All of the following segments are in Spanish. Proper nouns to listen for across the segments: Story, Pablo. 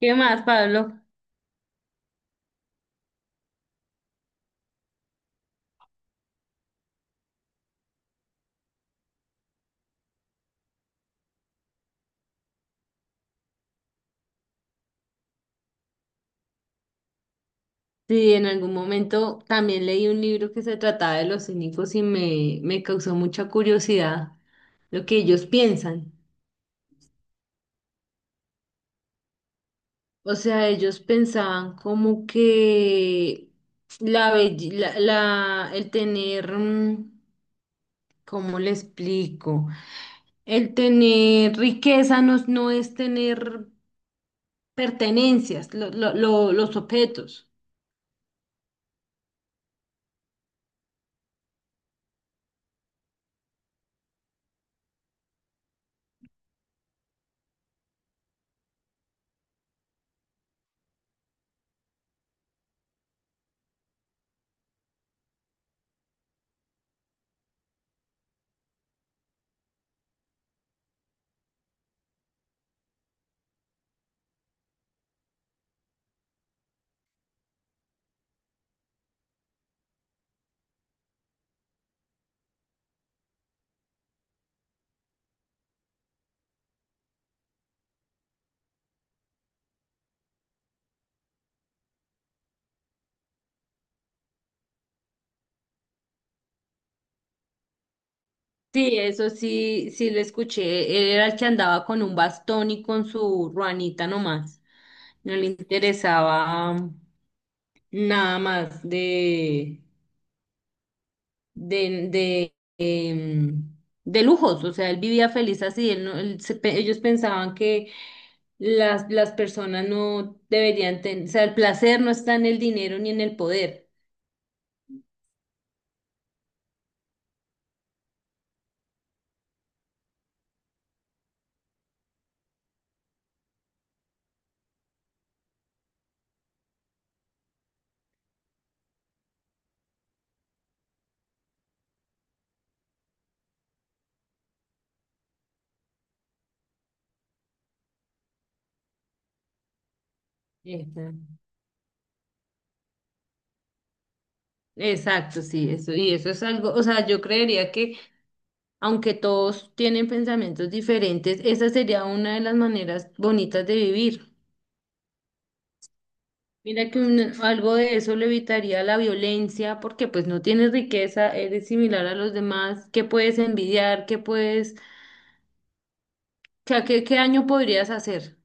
¿Qué más, Pablo? Sí, en algún momento también leí un libro que se trataba de los cínicos y me causó mucha curiosidad lo que ellos piensan. O sea, ellos pensaban como que la, belle- la- el tener, ¿cómo le explico? El tener riqueza no es tener pertenencias, los objetos. Sí, eso sí, sí lo escuché. Era el que andaba con un bastón y con su ruanita nomás. No le interesaba nada más de, de, em, de lujos. O sea, él vivía feliz así. Él no- él se pe- Ellos pensaban que las personas no deberían tener, o sea, el placer no está en el dinero ni en el poder. Exacto. Exacto, sí, eso, y eso es algo, o sea, yo creería que aunque todos tienen pensamientos diferentes, esa sería una de las maneras bonitas de vivir. Mira que algo de eso le evitaría la violencia, porque pues no tienes riqueza, eres similar a los demás, ¿qué puedes envidiar? ¿Qué puedes, qué daño podrías hacer?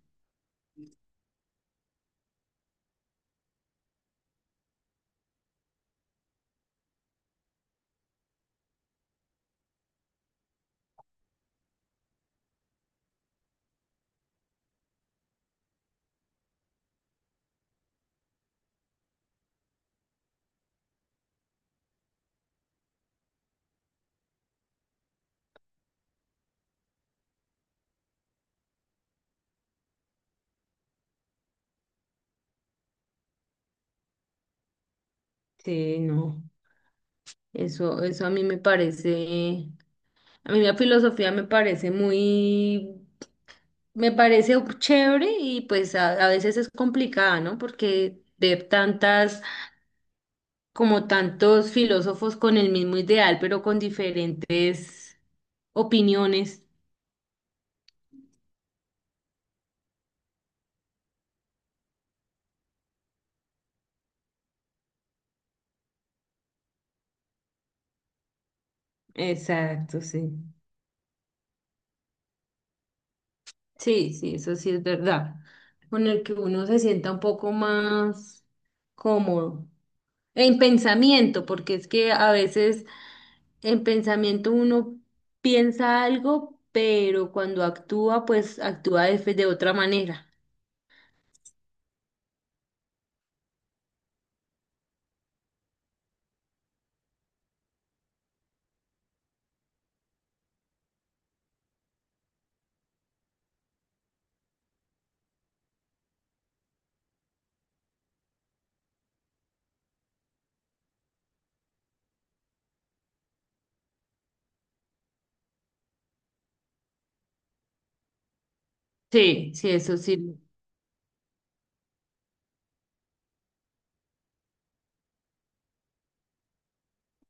Sí, no, eso a mí me parece, a mí la filosofía me parece muy. Me parece chévere y pues a veces es complicada, ¿no? Porque ver tantas, como tantos filósofos con el mismo ideal, pero con diferentes opiniones. Exacto, sí. Sí, sí, eso sí es verdad. Con el que uno se sienta un poco más cómodo. En pensamiento, porque es que a veces en pensamiento uno piensa algo, pero cuando actúa, pues actúa de otra manera. Sí, sí, eso sí.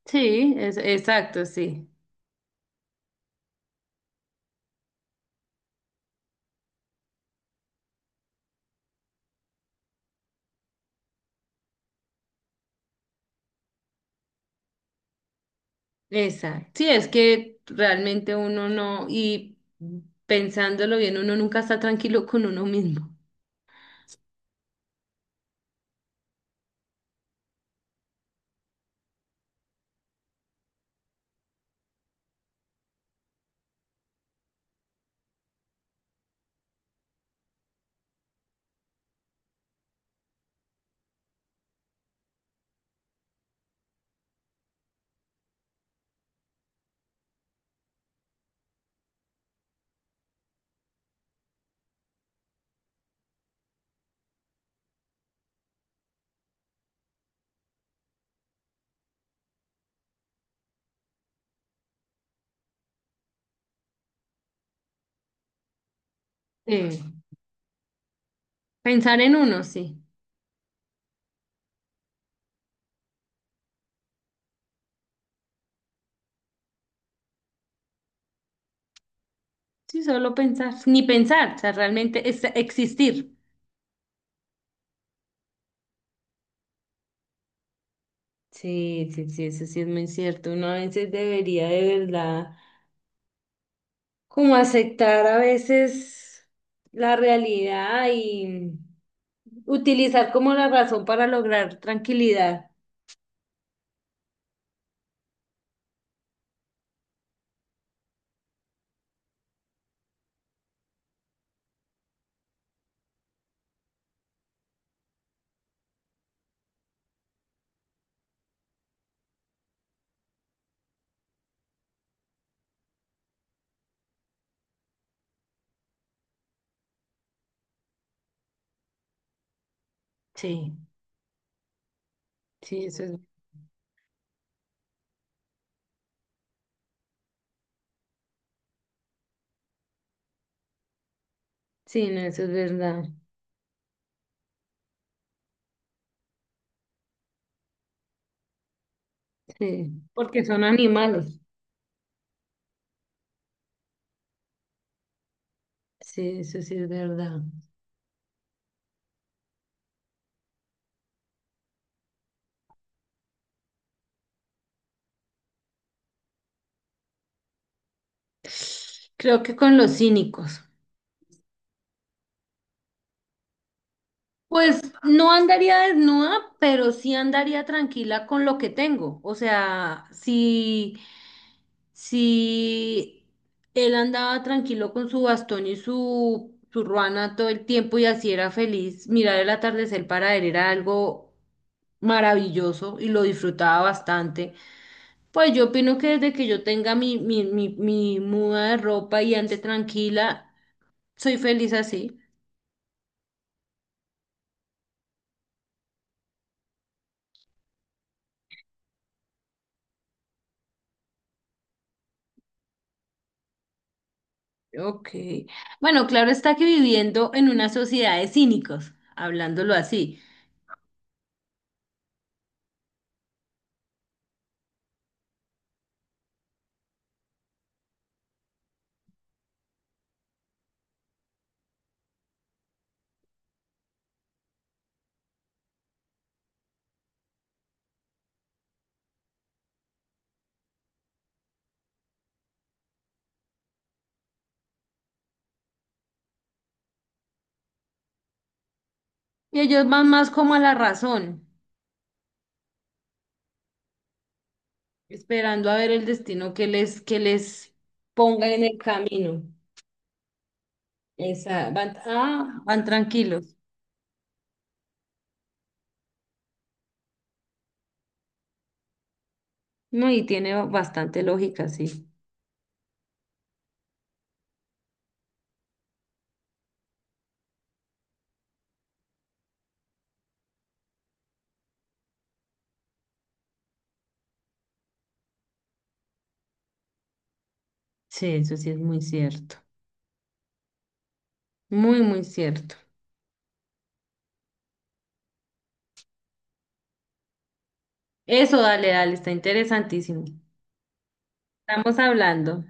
Sí, es, exacto, sí. Exacto. Sí, es que realmente uno no, y pensándolo bien, uno nunca está tranquilo con uno mismo. Sí. Pensar en uno, sí. Sí, solo pensar, ni pensar, o sea, realmente es existir. Sí, sí, sí, eso sí es muy cierto. Uno a veces debería de verdad como aceptar a veces la realidad y utilizar como la razón para lograr tranquilidad. Sí, sí, eso es, sí, no, eso es verdad. Sí, porque son animales. Sí, eso sí es verdad. Creo que con los cínicos. Pues no andaría desnuda, pero sí andaría tranquila con lo que tengo. O sea, si él andaba tranquilo con su bastón y su ruana todo el tiempo y así era feliz, mirar el atardecer para él era algo maravilloso y lo disfrutaba bastante. Pues yo opino que desde que yo tenga mi muda de ropa y ande tranquila, soy feliz así. Ok. Bueno, claro está que viviendo en una sociedad de cínicos, hablándolo así, y ellos van más como a la razón, esperando a ver el destino que les ponga en el camino. Esa, van, van tranquilos. No, y tiene bastante lógica, sí. Sí, eso sí es muy cierto. Muy, muy cierto. Eso, dale, dale, está interesantísimo. Estamos hablando.